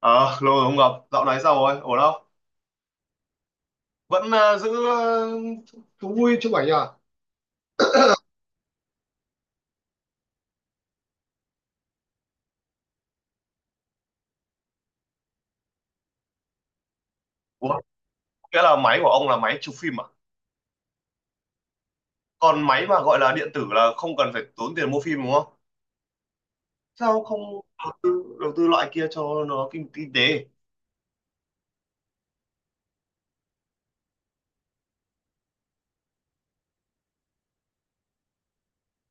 Ờ, lâu rồi không gặp, dạo này sao rồi, ổn không? Vẫn giữ thú vui chụp ảnh à? Ủa, nghĩa là máy của ông là máy chụp phim à? Còn máy mà gọi là điện tử là không cần phải tốn tiền mua phim đúng không? Sao không đầu tư, đầu tư loại kia cho nó kinh, kinh tế?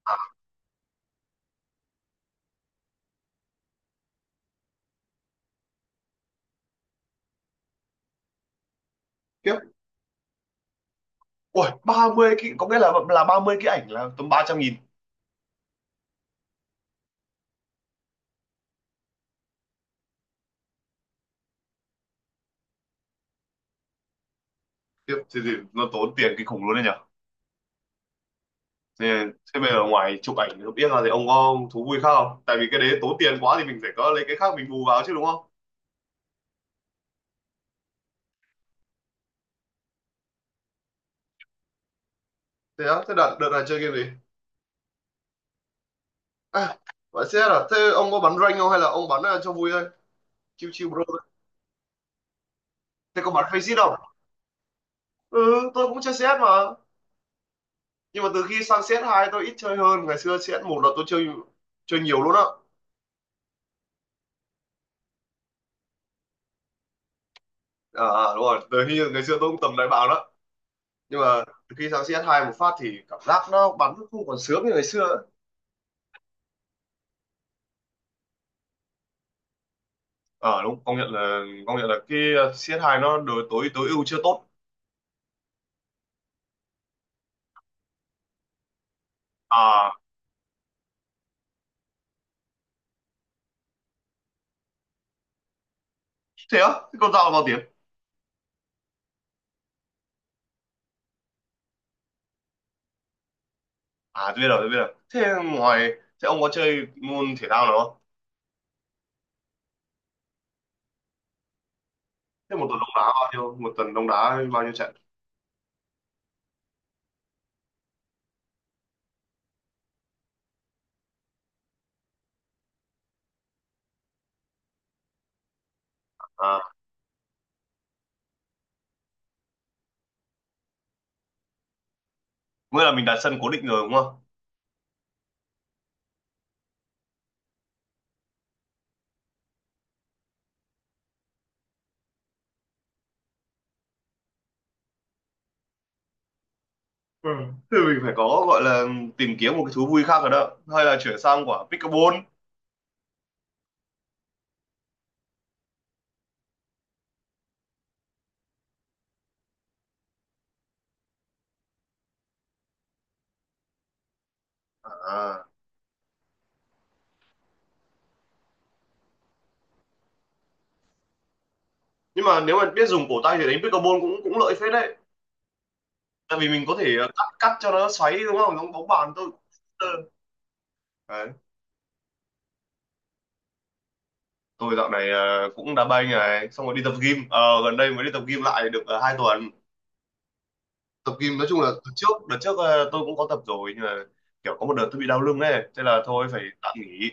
À, tiếp, ui, 30 cái, có nghĩa là ba mươi cái ảnh là tầm 300 nghìn. Tiếp, thì nó tốn tiền kinh khủng luôn đấy nhở? Thế, thế bây giờ ngoài chụp ảnh không biết là thì ông có thú vui khác không? Tại vì cái đấy tốn tiền quá thì mình phải có lấy cái khác mình bù vào chứ đúng không? Thế á, thế đợt này chơi game gì? À, bạn xe à? Thế ông có bắn rank không hay là ông bắn cho vui thôi? Chill chill bro. Thế có bắn face không? Ừ, tôi cũng chơi CS mà. Nhưng mà từ khi sang cs hai tôi ít chơi hơn. Ngày xưa cs một là tôi chơi chơi nhiều luôn á. À, à, đúng rồi. Từ khi ngày xưa tôi cũng tầm đại bàng đó. Nhưng mà từ khi sang cs hai một phát thì cảm giác nó bắn nó không còn sướng như ngày xưa ấy. Ờ đúng, công nhận là cái CS2 nó đối tối tối ưu chưa tốt. À, thế á? Thế con dao là bao tiền? À, tôi biết rồi, tôi biết rồi. Thế ngoài thế ông có chơi môn thể thao nào không? Thế một tuần ông đá bao nhiêu? Một tuần ông đá bao nhiêu trận? À, nghĩa là mình đặt sân cố định rồi đúng không? Ừ. Thì mình phải có gọi là tìm kiếm một cái thú vui khác rồi đó. Hay là chuyển sang quả pickleball. À. Nhưng mà nếu mà biết dùng cổ tay thì đánh pickleball cũng cũng lợi phết đấy. Tại vì mình có thể cắt cắt cho nó xoáy đúng không? Giống bóng bàn tôi. Đấy. Tôi dạo này cũng đá banh này, xong rồi đi tập gym. Ờ, gần đây mới đi tập gym lại được 2 tuần. Tập gym nói chung là từ trước, đợt trước tôi cũng có tập rồi, nhưng mà kiểu có một đợt tôi bị đau lưng ấy, thế là thôi phải tạm nghỉ.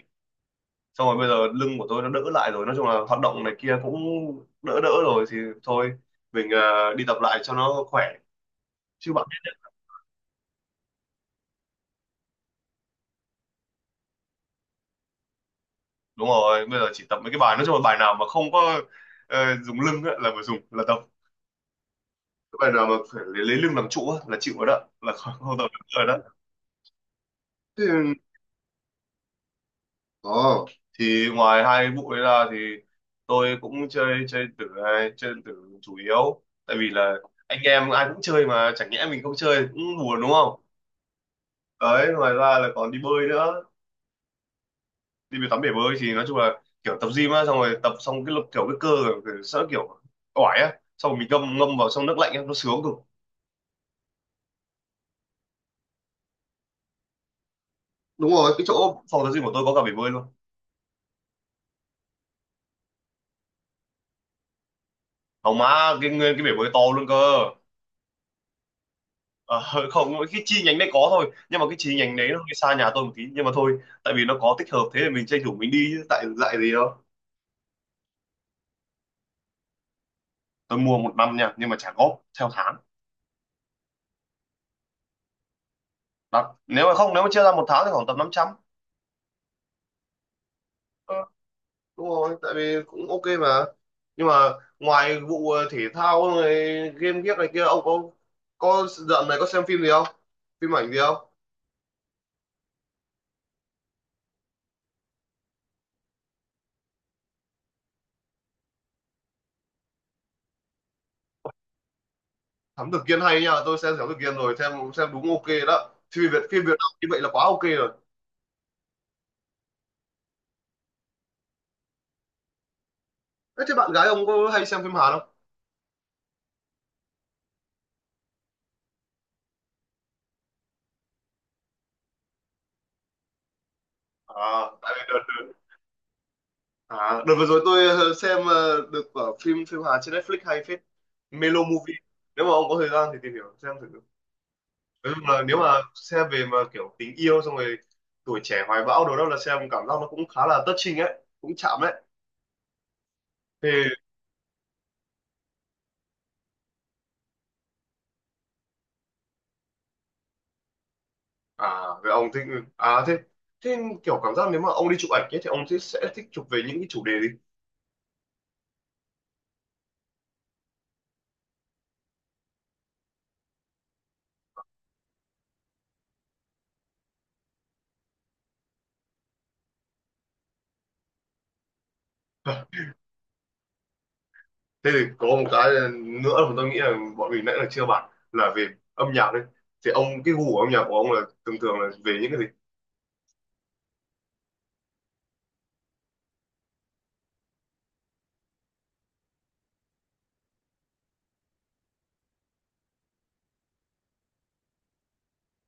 Xong rồi bây giờ lưng của tôi nó đỡ lại rồi, nói chung là hoạt động này kia cũng đỡ đỡ rồi thì thôi mình đi tập lại cho nó khỏe chứ bạn. Đúng rồi, bây giờ chỉ tập mấy cái bài, nói chung là bài nào mà không có dùng lưng á, là phải dùng là tập cái bài nào mà phải lấy lưng làm trụ á, là chịu rồi đó, là không, không tập được rồi đó thì, oh. Thì ngoài hai vụ đấy ra thì tôi cũng chơi chơi tử này, chơi tử chủ yếu tại vì là anh em ai cũng chơi mà chẳng nhẽ mình không chơi cũng buồn đúng không. Đấy ngoài ra là còn đi bơi nữa, đi về tắm bể bơi thì nói chung là kiểu tập gym á, xong rồi tập xong cái lực kiểu cái cơ kiểu, sợ kiểu oải á, xong rồi mình ngâm ngâm vào trong nước lạnh á nó sướng cực. Đúng rồi, cái chỗ phòng tập gym của tôi có cả bể bơi luôn. Hỏng má, cái nguyên cái bể bơi to luôn cơ. Ờ, không, cái chi nhánh đấy có thôi, nhưng mà cái chi nhánh đấy nó hơi xa nhà tôi một tí nhưng mà thôi, tại vì nó có tích hợp thế thì mình tranh thủ mình đi chứ tại dạy gì đâu. Tôi mua một năm nha nhưng mà trả góp theo tháng. Đặt nếu mà không, nếu mà chia ra một tháng thì khoảng tầm 500. Ờ, đúng rồi tại vì cũng ok mà, nhưng mà ngoài vụ thể thao này, game ghiếc này kia ông có dạo này có xem phim gì không, phim ảnh gì không? Thám tử Kiên hay nha, tôi xem Thám tử Kiên rồi, xem đúng ok đó, phim Việt, phim Việt Nam như vậy là quá ok rồi. Thế, thế bạn gái ông có hay xem phim Hàn không? À tại vì đợt đợt, à, đợt vừa rồi tôi xem được ở phim phim Hàn trên Netflix hay phết. Melo Movie, nếu mà ông có thời gian thì tìm hiểu xem thử. Nói chung nếu mà xem về mà kiểu tình yêu xong rồi tuổi trẻ hoài bão đồ đó là xem cảm giác nó cũng khá là touching ấy, cũng chạm ấy. Thì à về ông thích à thế thế kiểu cảm giác nếu mà ông đi chụp ảnh ấy thì ông sẽ thích chụp về những cái chủ đề gì? Thế thì có một cái nữa mà tôi nghĩ là bọn mình nãy là chưa bàn là về âm nhạc đấy. Thì ông cái gu của âm nhạc của ông là thường thường là về những cái gì?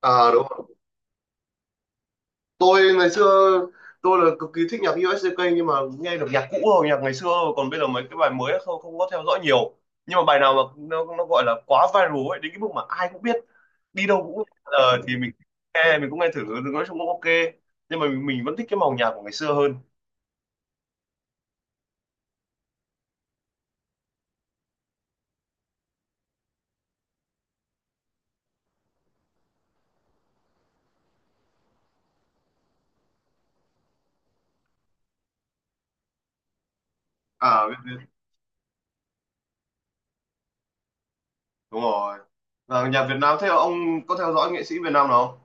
À đúng, tôi ngày xưa tôi là cực kỳ thích nhạc USJK nhưng mà nghe được nhạc cũ rồi nhạc ngày xưa thôi. Còn bây giờ mấy cái bài mới không, không có theo dõi nhiều, nhưng mà bài nào mà nó gọi là quá viral ấy đến cái mức mà ai cũng biết, đi đâu cũng thì mình nghe mình cũng nghe thử, nói chung cũng ok, nhưng mà mình vẫn thích cái màu nhạc của ngày xưa hơn. À biết, biết. Đúng rồi. Và nhạc Việt Nam thế là ông có theo dõi nghệ sĩ Việt Nam nào không?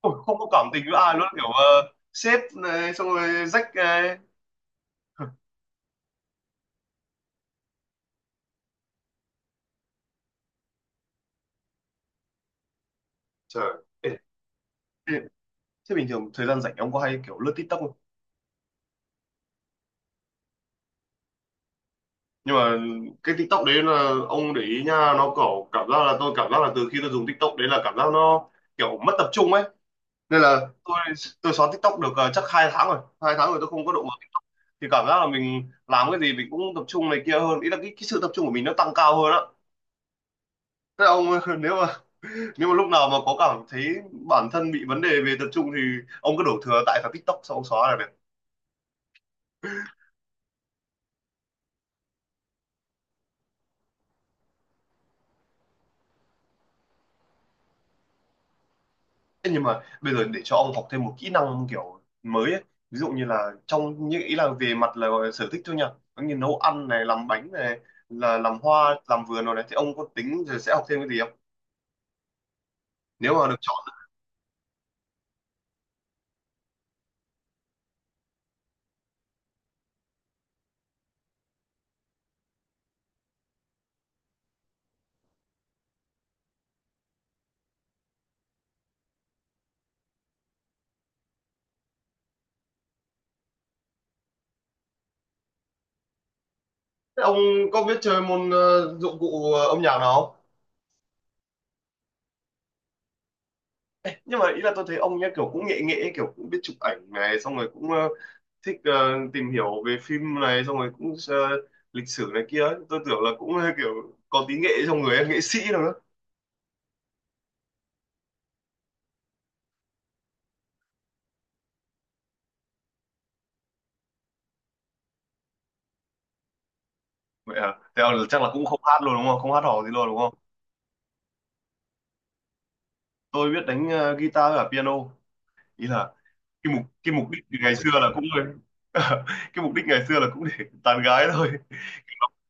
Ôi, không có cảm tình với ai luôn kiểu sếp này xong rồi rách này, trời, ê, thế bình thường thời gian rảnh ông có hay kiểu lướt TikTok không? Nhưng mà cái TikTok đấy là ông để ý nha, nó kiểu cảm giác là tôi cảm giác là từ khi tôi dùng TikTok đấy là cảm giác nó kiểu mất tập trung ấy. Nên là tôi xóa TikTok được chắc hai tháng rồi tôi không có động vào TikTok. Thì cảm giác là mình làm cái gì mình cũng tập trung này kia hơn, ý là cái sự tập trung của mình nó tăng cao hơn á. Thế ông nếu mà nếu mà lúc nào mà có cảm thấy bản thân bị vấn đề về tập trung thì ông cứ đổ thừa tại vào TikTok xong ông xóa là. Thế nhưng mà bây giờ để cho ông học thêm một kỹ năng kiểu mới ấy. Ví dụ như là trong như ý là về mặt là gọi là sở thích thôi nha, giống như nấu ăn này, làm bánh này, là làm hoa làm vườn rồi này thì ông có tính rồi sẽ học thêm cái gì không, nếu mà được chọn? Thế ông có biết chơi môn dụng cụ âm nhạc nào không? Nhưng mà ý là tôi thấy ông nhá kiểu cũng nghệ nghệ kiểu cũng biết chụp ảnh này xong rồi cũng thích tìm hiểu về phim này xong rồi cũng lịch sử này kia ấy. Tôi tưởng là cũng kiểu có tí nghệ trong người ấy, nghệ sĩ đâu. Vậy à, thế là chắc là cũng không hát luôn đúng không, không hát hò gì luôn đúng không? Tôi biết đánh guitar và piano. Ý là cái cái mục đích ngày xưa là cũng cái mục đích ngày xưa là cũng để tán gái thôi,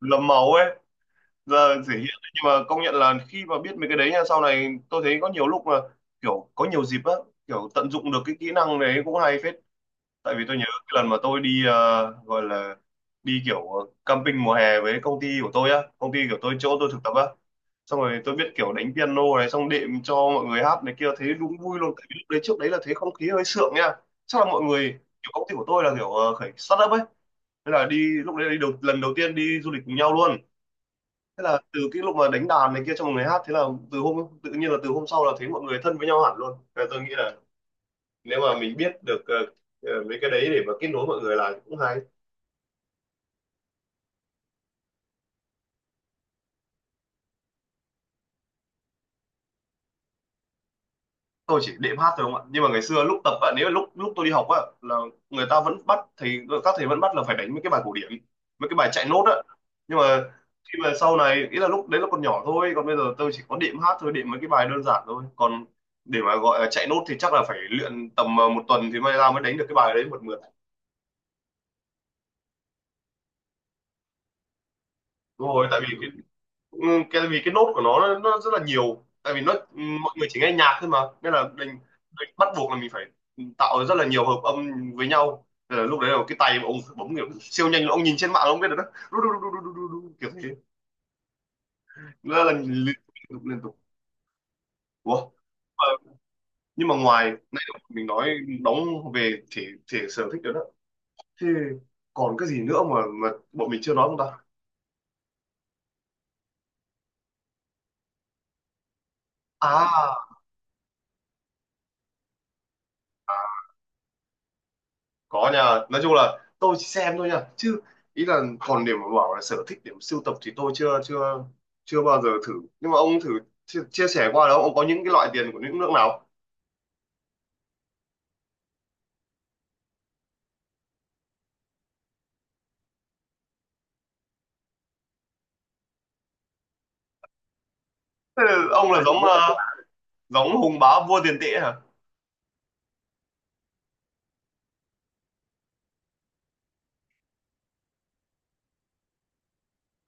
lấm máu ấy, giờ thể hiện đấy. Nhưng mà công nhận là khi mà biết mấy cái đấy nha, sau này tôi thấy có nhiều lúc là kiểu có nhiều dịp á, kiểu tận dụng được cái kỹ năng đấy cũng hay phết. Tại vì tôi nhớ cái lần mà tôi đi gọi là đi kiểu camping mùa hè với công ty của tôi á, công ty của tôi chỗ tôi thực tập á, xong rồi tôi biết kiểu đánh piano này, xong đệm cho mọi người hát này kia, thấy đúng vui luôn. Tại vì lúc đấy, trước đấy là thấy không khí hơi sượng nha. Chắc là mọi người kiểu công ty của tôi là kiểu start up ấy. Thế là đi, lúc đấy là lần đầu tiên đi du lịch cùng nhau luôn. Thế là từ cái lúc mà đánh đàn này kia cho mọi người hát, thế là từ hôm, tự nhiên là từ hôm sau là thấy mọi người thân với nhau hẳn luôn. Thế là tôi nghĩ là nếu mà mình biết được mấy cái đấy để mà kết nối mọi người là cũng hay. Tôi chỉ đệm hát thôi không ạ, nhưng mà ngày xưa lúc tập bạn ấy, lúc lúc tôi đi học á là người ta vẫn bắt các thầy vẫn bắt là phải đánh mấy cái bài cổ điển, mấy cái bài chạy nốt á. Nhưng mà khi mà sau này, ý là lúc đấy là còn nhỏ thôi, còn bây giờ tôi chỉ có đệm hát thôi, đệm mấy cái bài đơn giản thôi, còn để mà gọi là chạy nốt thì chắc là phải luyện tầm một tuần thì may ra mới đánh được cái bài đấy một mượt. Đúng rồi, tại vì Ừ, cái nốt của nó, rất là nhiều, tại vì nó mọi người chỉ nghe nhạc thôi mà, nên là mình bắt buộc là mình phải tạo rất là nhiều hợp âm với nhau. Thế là lúc đấy là cái tay mà ông phải bấm kiểu siêu nhanh, ông nhìn trên mạng ông biết được đó, đu, đu, đu, đu, đu, đu, đu, kiểu thế. Nó là liên tục liên tục. Ủa, Ờ, nhưng mà ngoài này mình nói đóng về thể thể sở thích đó thì còn cái gì nữa mà bọn mình chưa nói không ta? À, có nha, nói chung là tôi chỉ xem thôi nha, chứ ý là còn điểm mà bảo là sở thích điểm sưu tập thì tôi chưa chưa chưa bao giờ thử. Nhưng mà ông thử chia sẻ qua đó, ông có những cái loại tiền của những nước nào? Thế là ông là giống giống hùng bá vua tiền tệ hả?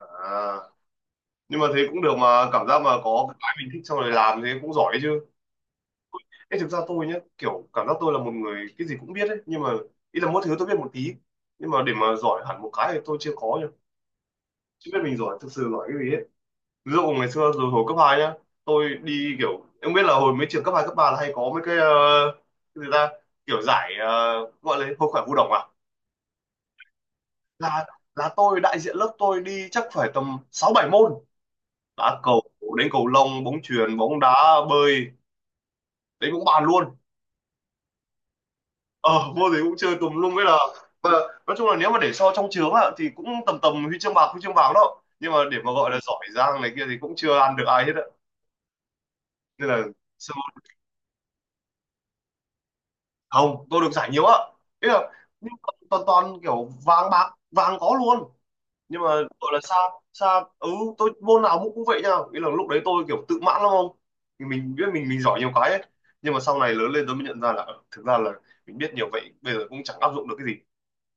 À, nhưng mà thế cũng được mà, cảm giác mà có cái mình thích xong rồi làm thế cũng giỏi đấy chứ. Ê, thực ra tôi nhá, kiểu cảm giác tôi là một người cái gì cũng biết ấy, nhưng mà ý là mỗi thứ tôi biết một tí, nhưng mà để mà giỏi hẳn một cái thì tôi chưa có nhá, chưa biết mình giỏi, thực sự giỏi cái gì ấy. Ví dụ ngày xưa rồi hồi cấp 2 nhá, tôi đi kiểu, em biết là hồi mấy trường cấp 2 cấp 3 là hay có mấy cái cái gì ta, kiểu giải gọi là hội khỏe vũ đồng à, là là tôi đại diện lớp tôi đi chắc phải tầm 6-7 môn, đá cầu, đến cầu lông, bóng chuyền, bóng đá, bơi, đấy cũng bàn luôn. Ờ, môn gì cũng chơi tùm lum, với là và nói chung là nếu mà để so trong trường á thì cũng tầm tầm huy chương bạc, huy chương vàng đó, nhưng mà để mà gọi là giỏi giang này kia thì cũng chưa ăn được ai hết á, nên là không. Tôi được giải nhiều á, ý là, nhưng mà toàn toàn kiểu vàng bạc, vàng có luôn. Nhưng mà gọi là xa xa, ừ, tôi môn nào cũng cũng vậy nha, ý là lúc đấy tôi kiểu tự mãn lắm không, thì mình biết mình giỏi nhiều cái ấy. Nhưng mà sau này lớn lên tôi mới nhận ra là thực ra là mình biết nhiều vậy bây giờ cũng chẳng áp dụng được cái gì,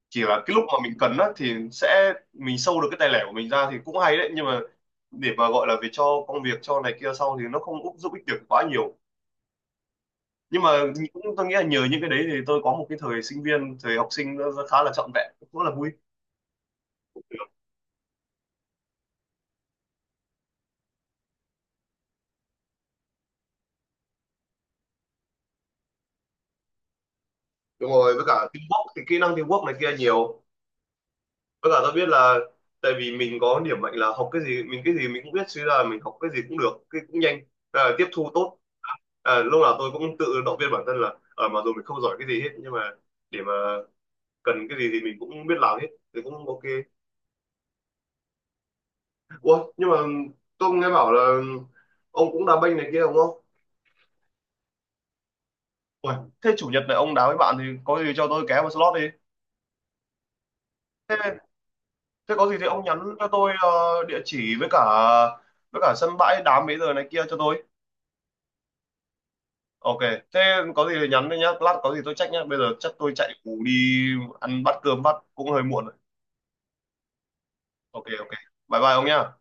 chỉ là cái lúc mà mình cần á thì sẽ mình sâu được cái tài lẻ của mình ra thì cũng hay đấy, nhưng mà để mà gọi là về cho công việc cho này kia sau thì nó không giúp ích được quá nhiều. Nhưng mà cũng, tôi nghĩ là nhờ những cái đấy thì tôi có một cái thời sinh viên, thời học sinh nó khá là trọn vẹn, cũng rất là vui. Đúng rồi, với cả teamwork thì kỹ năng teamwork này kia nhiều. Với cả tôi biết là, tại vì mình có điểm mạnh là học cái gì, mình cái gì mình cũng biết chứ, là mình học cái gì cũng được, cái cũng nhanh, à, tiếp thu tốt. À, lúc nào tôi cũng tự động viên bản thân là ở mà dù mình không giỏi cái gì hết, nhưng mà để mà cần cái gì thì mình cũng biết làm hết thì cũng ok. Ủa, nhưng mà tôi nghe bảo là ông cũng đá banh này kia đúng không? Ui, thế chủ nhật này ông đá với bạn thì có gì cho tôi ké vào slot đi. Thế, thế, có gì thì ông nhắn cho tôi địa chỉ, với cả sân bãi, đá mấy giờ này kia cho tôi. Ok, thế có gì thì nhắn đi nhá, lát có gì tôi check nhá. Bây giờ chắc tôi chạy ngủ đi, ăn bát cơm bát cũng hơi muộn rồi. Ok ok. Bye bye ông nhá.